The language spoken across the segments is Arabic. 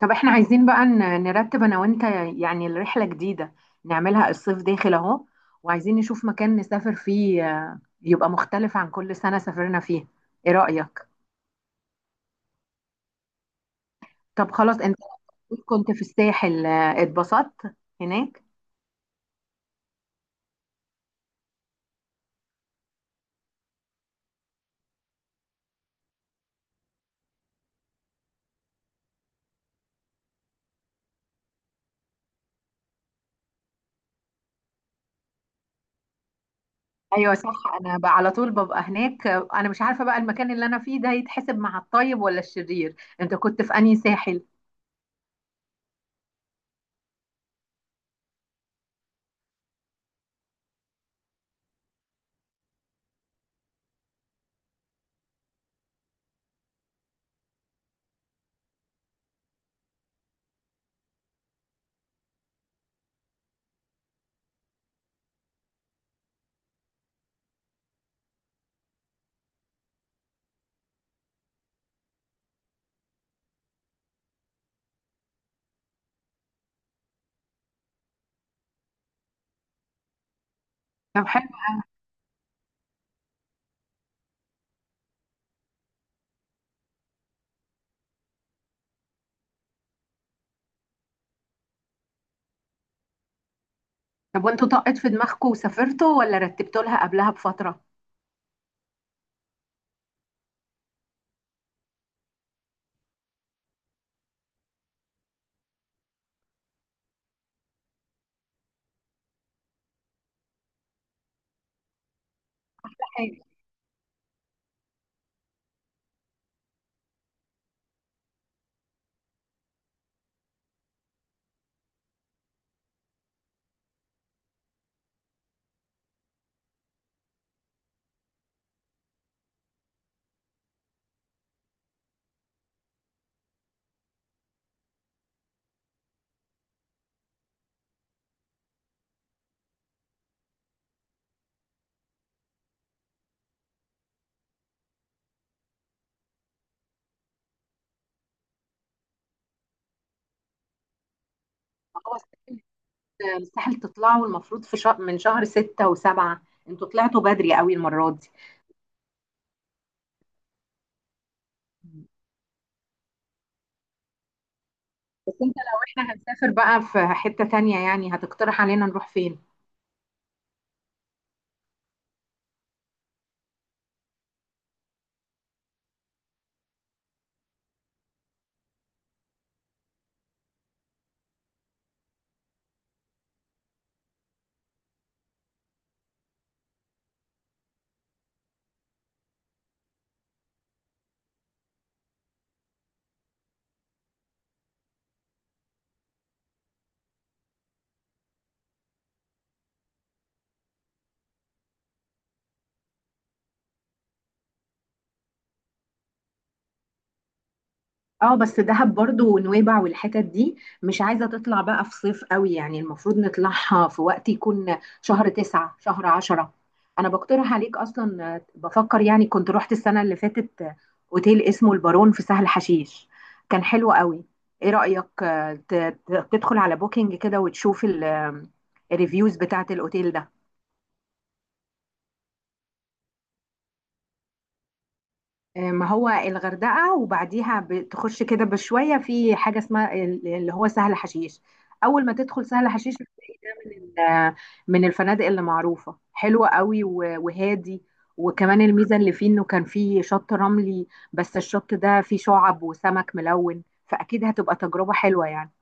طب احنا عايزين بقى نرتب انا وانت. يعني الرحلة جديدة نعملها الصيف داخل اهو، وعايزين نشوف مكان نسافر فيه يبقى مختلف عن كل سنة سافرنا فيه. ايه رأيك؟ طب خلاص انت كنت في الساحل اتبسطت هناك؟ ايوه صح. انا بقى على طول ببقى هناك، انا مش عارفة بقى المكان اللي انا فيه ده يتحسب مع الطيب ولا الشرير. انت كنت في انهي ساحل؟ طب حلو. طب وانتوا طقت في دماغكم وسافرتوا ولا رتبتوا لها قبلها بفترة؟ حلو. مستحيل تطلعوا، المفروض في شهر، من شهر 6 و7. انتوا طلعتوا بدري قوي المرة دي. بس انت لو احنا هنسافر بقى في حتة تانية، يعني هتقترح علينا نروح فين؟ اه بس دهب برضو ونويبع والحتت دي مش عايزة تطلع بقى في صيف قوي، يعني المفروض نطلعها في وقت يكون شهر 9 شهر 10. انا بقترح عليك اصلا، بفكر، يعني كنت رحت السنة اللي فاتت، اوتيل اسمه البارون في سهل حشيش. كان حلو قوي. ايه رأيك آه، ت- تدخل على بوكينج كده وتشوف الريفيوز بتاعت الاوتيل ده. ما هو الغردقة وبعديها بتخش كده بشوية في حاجة اسمها اللي هو سهل حشيش. أول ما تدخل سهل حشيش بتلاقي ده من الفنادق اللي معروفة حلوة قوي وهادي. وكمان الميزة اللي فيه إنه كان فيه شط رملي، بس الشط ده فيه شعب وسمك ملون، فأكيد هتبقى تجربة حلوة يعني.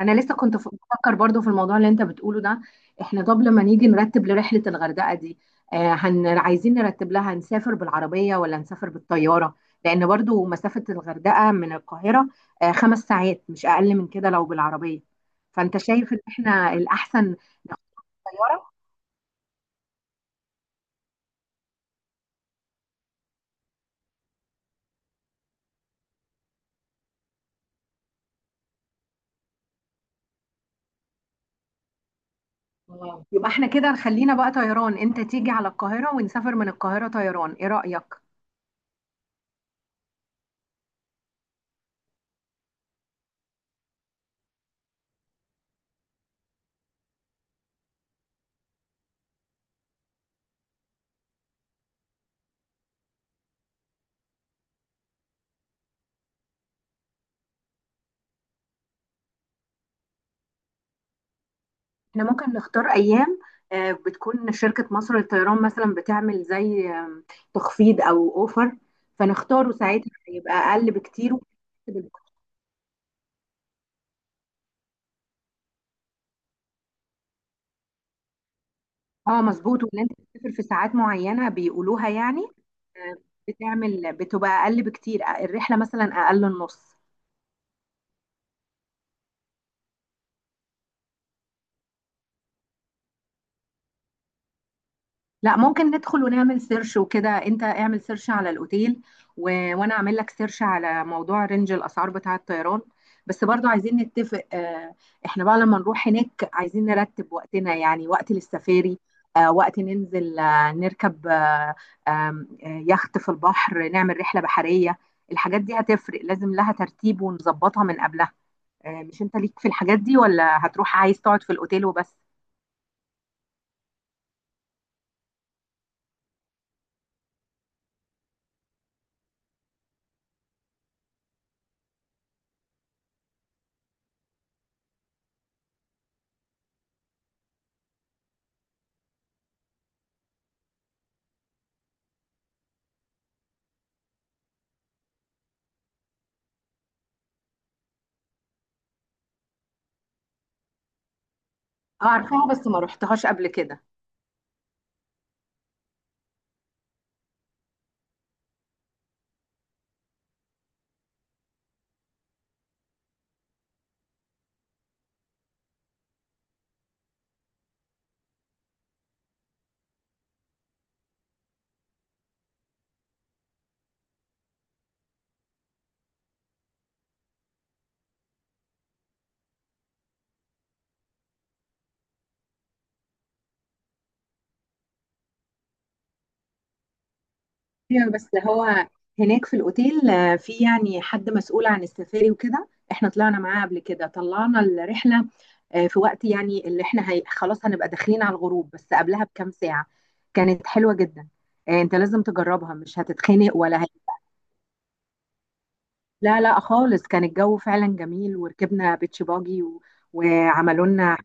انا لسه كنت بفكر برضو في الموضوع اللي انت بتقوله ده. احنا طب لما نيجي نرتب لرحلة الغردقة دي، آه، هن عايزين نرتب لها نسافر بالعربية ولا نسافر بالطيارة؟ لان برضو مسافة الغردقة من القاهرة آه 5 ساعات، مش اقل من كده لو بالعربية. فانت شايف ان احنا الاحسن طيارة. آه. يبقى احنا كده خلينا بقى طيران، انت تيجي على القاهرة ونسافر من القاهرة طيران. ايه رأيك؟ احنا ممكن نختار ايام بتكون شركة مصر للطيران مثلا بتعمل زي تخفيض او اوفر، فنختاره ساعتها هيبقى اقل بكتير. اه مظبوط، وان انت بتسافر في ساعات معينة بيقولوها يعني. آه، بتعمل بتبقى اقل بكتير الرحلة، مثلا اقل النص. لا، ممكن ندخل ونعمل سيرش وكده. انت اعمل سيرش على الاوتيل و... وانا اعمل لك سيرش على موضوع رينج الاسعار بتاع الطيران. بس برضو عايزين نتفق اه. احنا بقى لما نروح هناك عايزين نرتب وقتنا، يعني وقت للسفاري، اه وقت ننزل اه نركب اه، آم، آه، يخت في البحر نعمل رحلة بحرية. الحاجات دي هتفرق، لازم لها ترتيب ونظبطها من قبلها. اه، مش انت ليك في الحاجات دي، ولا هتروح عايز تقعد في الاوتيل وبس؟ اه عارفاها، بس ما روحتهاش قبل كده. ايوه، بس هو هناك في الاوتيل في يعني حد مسؤول عن السفاري وكده، احنا طلعنا معاه قبل كده، طلعنا الرحله في وقت يعني اللي احنا هي... خلاص هنبقى داخلين على الغروب بس قبلها بكام ساعه. كانت حلوه جدا. انت لازم تجربها، مش هتتخنق ولا هي... لا لا خالص، كان الجو فعلا جميل، وركبنا بيتش باجي و... وعملوا لنا.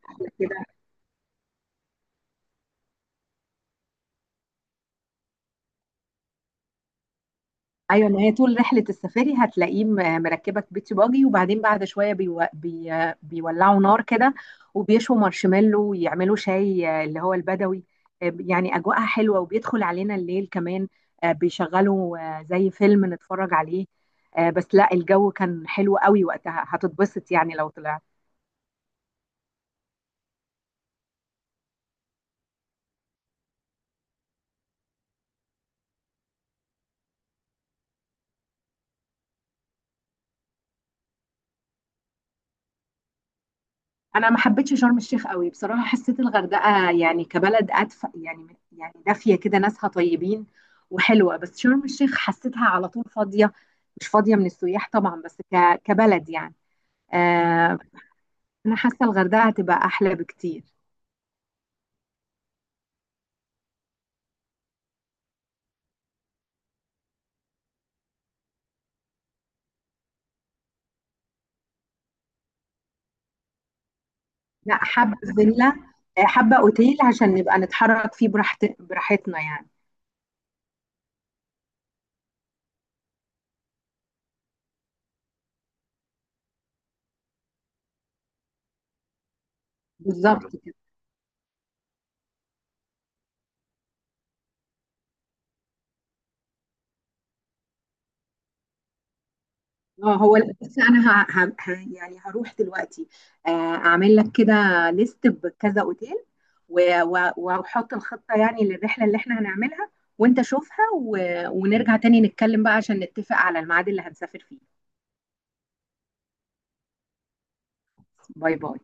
ايوه، ما هي طول رحله السفاري هتلاقيه مركبك بيتي باجي، وبعدين بعد شويه بيولعوا نار كده، وبيشوا مارشميلو ويعملوا شاي اللي هو البدوي. يعني اجواءها حلوه، وبيدخل علينا الليل كمان، بيشغلوا زي فيلم نتفرج عليه. بس لا، الجو كان حلو قوي وقتها، هتتبسط يعني لو طلعت. انا ما حبيتش شرم الشيخ قوي بصراحه، حسيت الغردقه يعني كبلد ادفى، يعني دافيه كده، ناسها طيبين وحلوه. بس شرم الشيخ حسيتها على طول فاضيه، مش فاضيه من السياح طبعا، بس كبلد يعني. آه. انا حاسه الغردقه هتبقى احلى بكتير. لا حابه فيلا. حابه اوتيل عشان نبقى نتحرك فيه براحتنا يعني. بالظبط كده. اه هو بس انا يعني هروح دلوقتي، آه، اعمل لك كده ليست بكذا اوتيل، و... و... واحط الخطة يعني للرحلة اللي احنا هنعملها، وانت شوفها و... ونرجع تاني نتكلم بقى عشان نتفق على الميعاد اللي هنسافر فيه. باي باي.